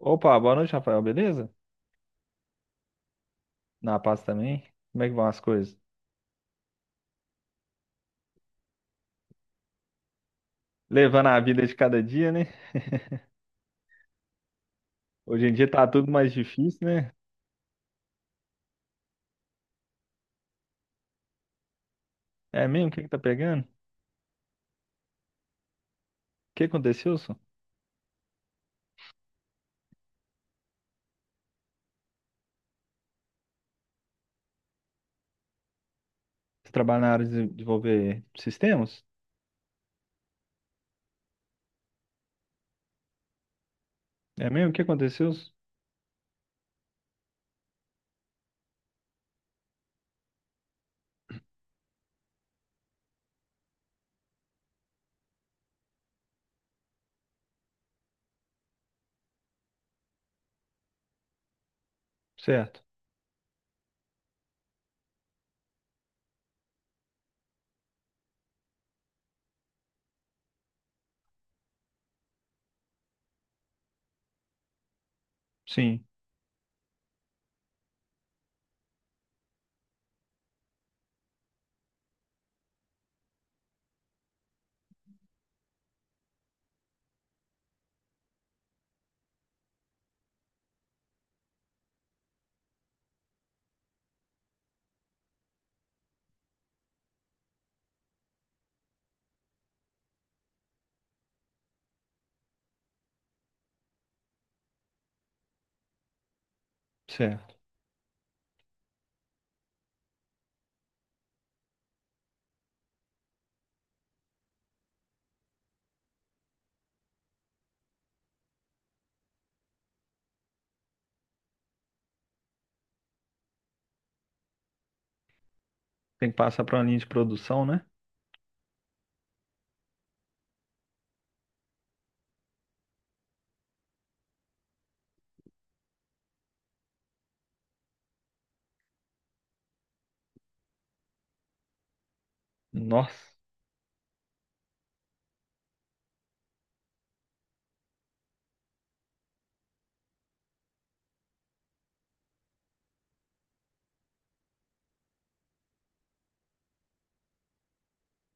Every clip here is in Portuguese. Opa, boa noite, Rafael, beleza? Na paz também? Como é que vão as coisas? Levando a vida de cada dia, né? Hoje em dia tá tudo mais difícil, né? É mesmo? O que que tá pegando? O que aconteceu, Wilson? Você trabalha na área de desenvolver sistemas? É mesmo? O que aconteceu? Wilson? Certo. Sim, certo. Tem que passar para uma linha de produção, né? Nossa.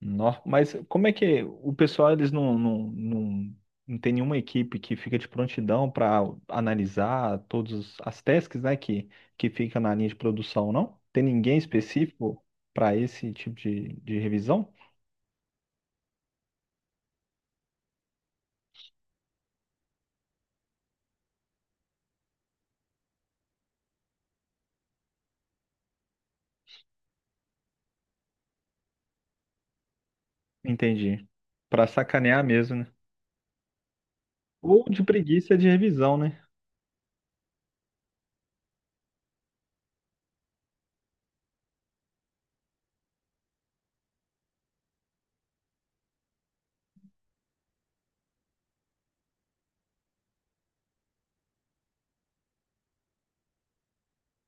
Nó. Mas como é que o pessoal, eles não tem nenhuma equipe que fica de prontidão para analisar todas as tasks, né, que fica na linha de produção, não? Tem ninguém específico para esse tipo de revisão? Entendi. Para sacanear mesmo, né? Ou de preguiça de revisão, né?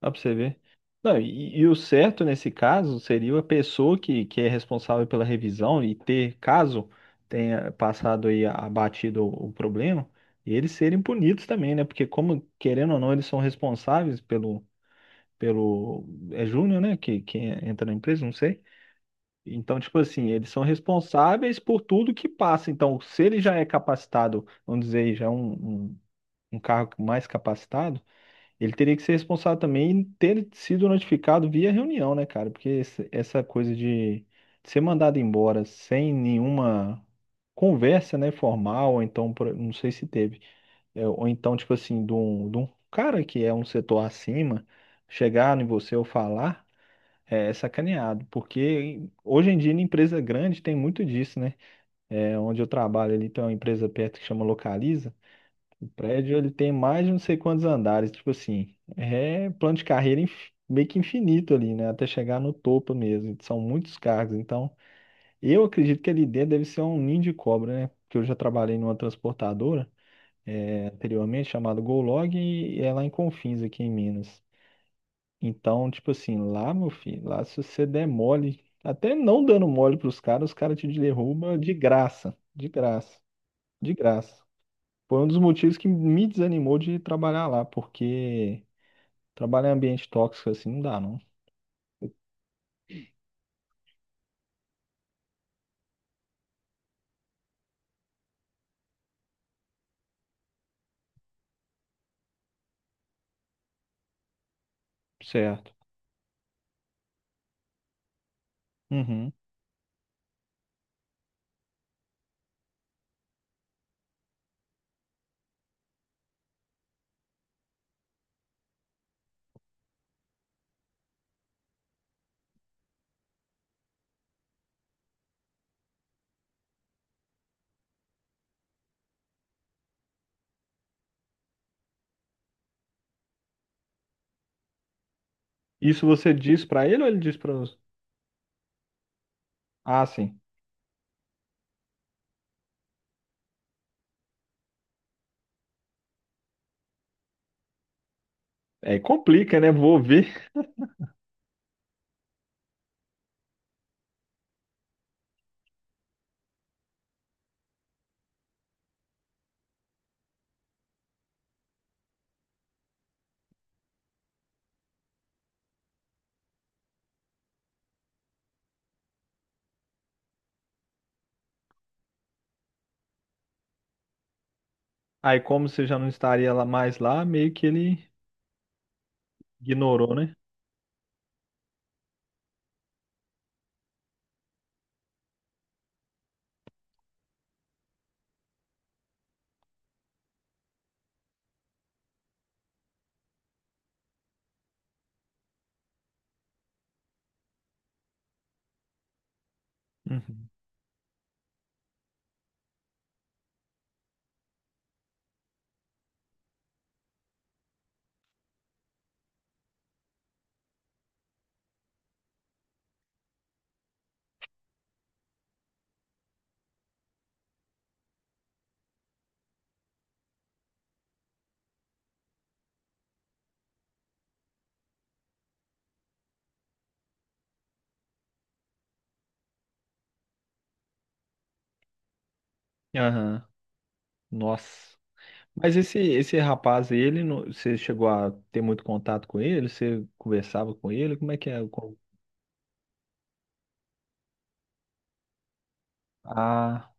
Dá pra você ver. Não, e o certo nesse caso seria a pessoa que é responsável pela revisão e ter, caso tenha passado aí abatido o problema, eles serem punidos também, né? Porque como, querendo ou não, eles são responsáveis pelo, pelo, é júnior, né? Que entra na empresa, não sei. Então, tipo assim, eles são responsáveis por tudo que passa. Então, se ele já é capacitado, vamos dizer, já é um, um, um cargo mais capacitado, ele teria que ser responsável também em ter sido notificado via reunião, né, cara? Porque esse- essa coisa de ser mandado embora sem nenhuma conversa, né, formal, ou então, por- não sei se teve, é, ou então, tipo assim, de um cara que é um setor acima, chegar em você ou falar, é, é sacaneado. Porque hoje em dia, em empresa grande, tem muito disso, né? É, onde eu trabalho ali, tem uma empresa perto que chama Localiza. O prédio ele tem mais de não sei quantos andares, tipo assim, é plano de carreira inf- meio que infinito ali, né? Até chegar no topo mesmo. São muitos cargos, então eu acredito que ali dentro deve ser um ninho de cobra, né? Porque eu já trabalhei numa transportadora é, anteriormente chamada Golog e é lá em Confins, aqui em Minas. Então, tipo assim, lá, meu filho, lá se você der mole, até não dando mole pros caras, os caras te derrubam de graça, de graça, de graça. Foi um dos motivos que me desanimou de trabalhar lá, porque trabalhar em ambiente tóxico assim não dá, não. Certo. Uhum. Isso você diz pra ele ou ele diz para você? Ah, sim. Aí complica, né? Vou ver. Aí como você já não estaria lá mais lá, meio que ele ignorou, né? Uhum. Aham. Nossa. Mas esse rapaz, ele, não- você chegou a ter muito contato com ele? Você conversava com ele? Como é que é? O con- Ah.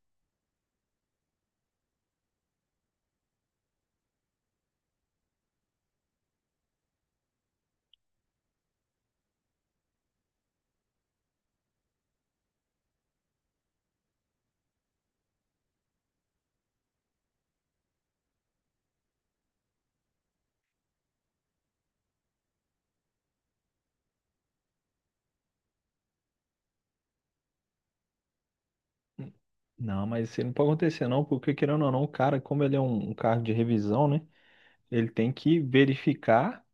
Não, mas isso aí não pode acontecer não, porque querendo ou não, o cara, como ele é um, um cargo de revisão, né? Ele tem que verificar,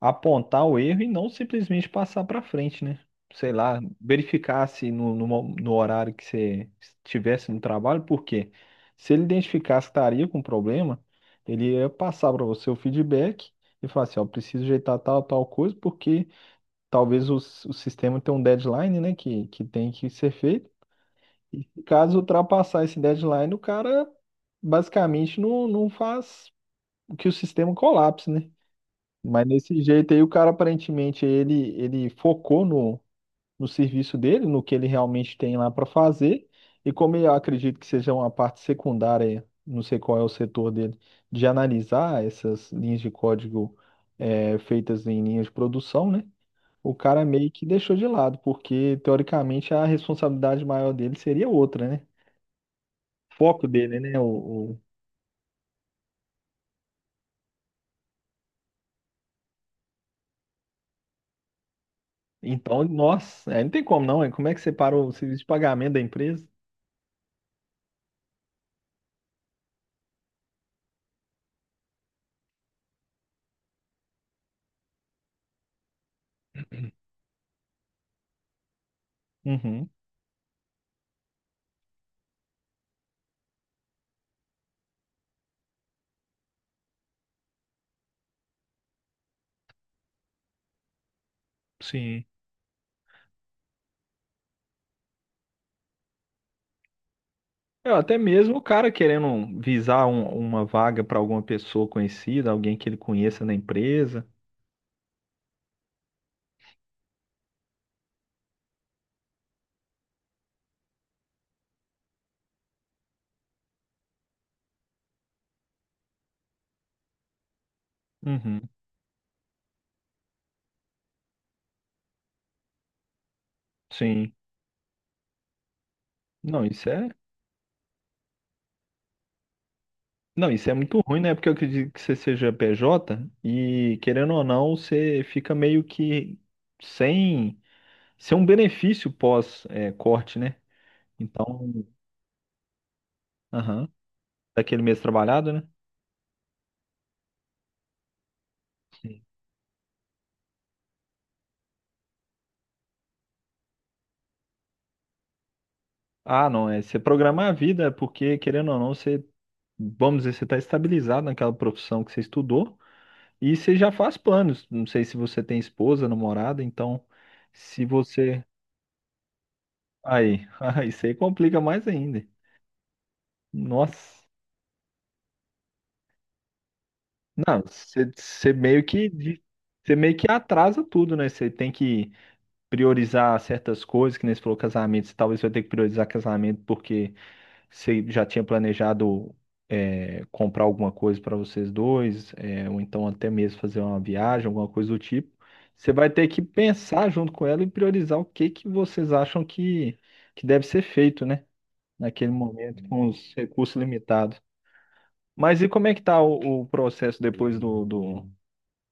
apontar o erro e não simplesmente passar para frente, né? Sei lá, verificar se no, no, mo- no horário que você estivesse no trabalho, porque se ele identificasse que estaria com problema, ele ia passar para você o feedback e falar assim, ó, preciso ajeitar tal, tal coisa, porque talvez o, s- o sistema tenha um deadline, né, que tem que ser feito. E caso ultrapassar esse deadline, o cara basicamente não, não faz que o sistema colapse, né? Mas nesse jeito aí, o cara aparentemente ele, ele focou no, no serviço dele, no que ele realmente tem lá para fazer. E como eu acredito que seja uma parte secundária, não sei qual é o setor dele, de analisar essas linhas de código feitas em linhas de produção, né? O cara meio que deixou de lado, porque teoricamente a responsabilidade maior dele seria outra, né? Foco dele, né? O- Então, nossa, aí não tem como não, hein? Como é que separa o serviço de pagamento da empresa? Uhum, sim. É, até mesmo o cara querendo visar um- uma vaga para alguma pessoa conhecida, alguém que ele conheça na empresa. Uhum, sim. Não, isso é, não, isso é muito ruim, né? Porque eu acredito que você seja PJ e, querendo ou não, você fica meio que sem, sem um benefício pós, é, corte, né? Então, aham, daquele mês trabalhado, né? Ah, não, é você programar a vida, é porque querendo ou não, você, vamos dizer, você está estabilizado naquela profissão que você estudou e você já faz planos. Não sei se você tem esposa, namorada, então se você. Aí, aí isso aí complica mais ainda. Nossa. Não, você, você meio que de- você meio que atrasa tudo, né? Você tem que priorizar certas coisas, que nem você falou casamento, você talvez vai ter que priorizar casamento porque você já tinha planejado é, comprar alguma coisa para vocês dois, é, ou então até mesmo fazer uma viagem, alguma coisa do tipo. Você vai ter que pensar junto com ela e priorizar o que que vocês acham que deve ser feito, né? Naquele momento, com os recursos limitados. Mas e como é que tá o processo depois do, do-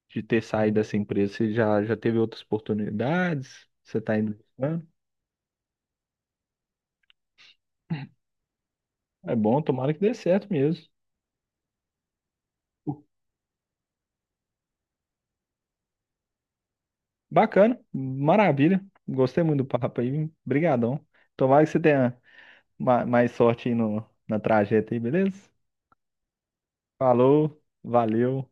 de ter saído dessa empresa? Você já, já teve outras oportunidades? Você está indo? Buscando? É bom, tomara que dê certo mesmo. Bacana, maravilha. Gostei muito do papo aí. Obrigadão. Tomara que você tenha ma- mais sorte aí no, na trajeta aí, beleza? Falou, valeu.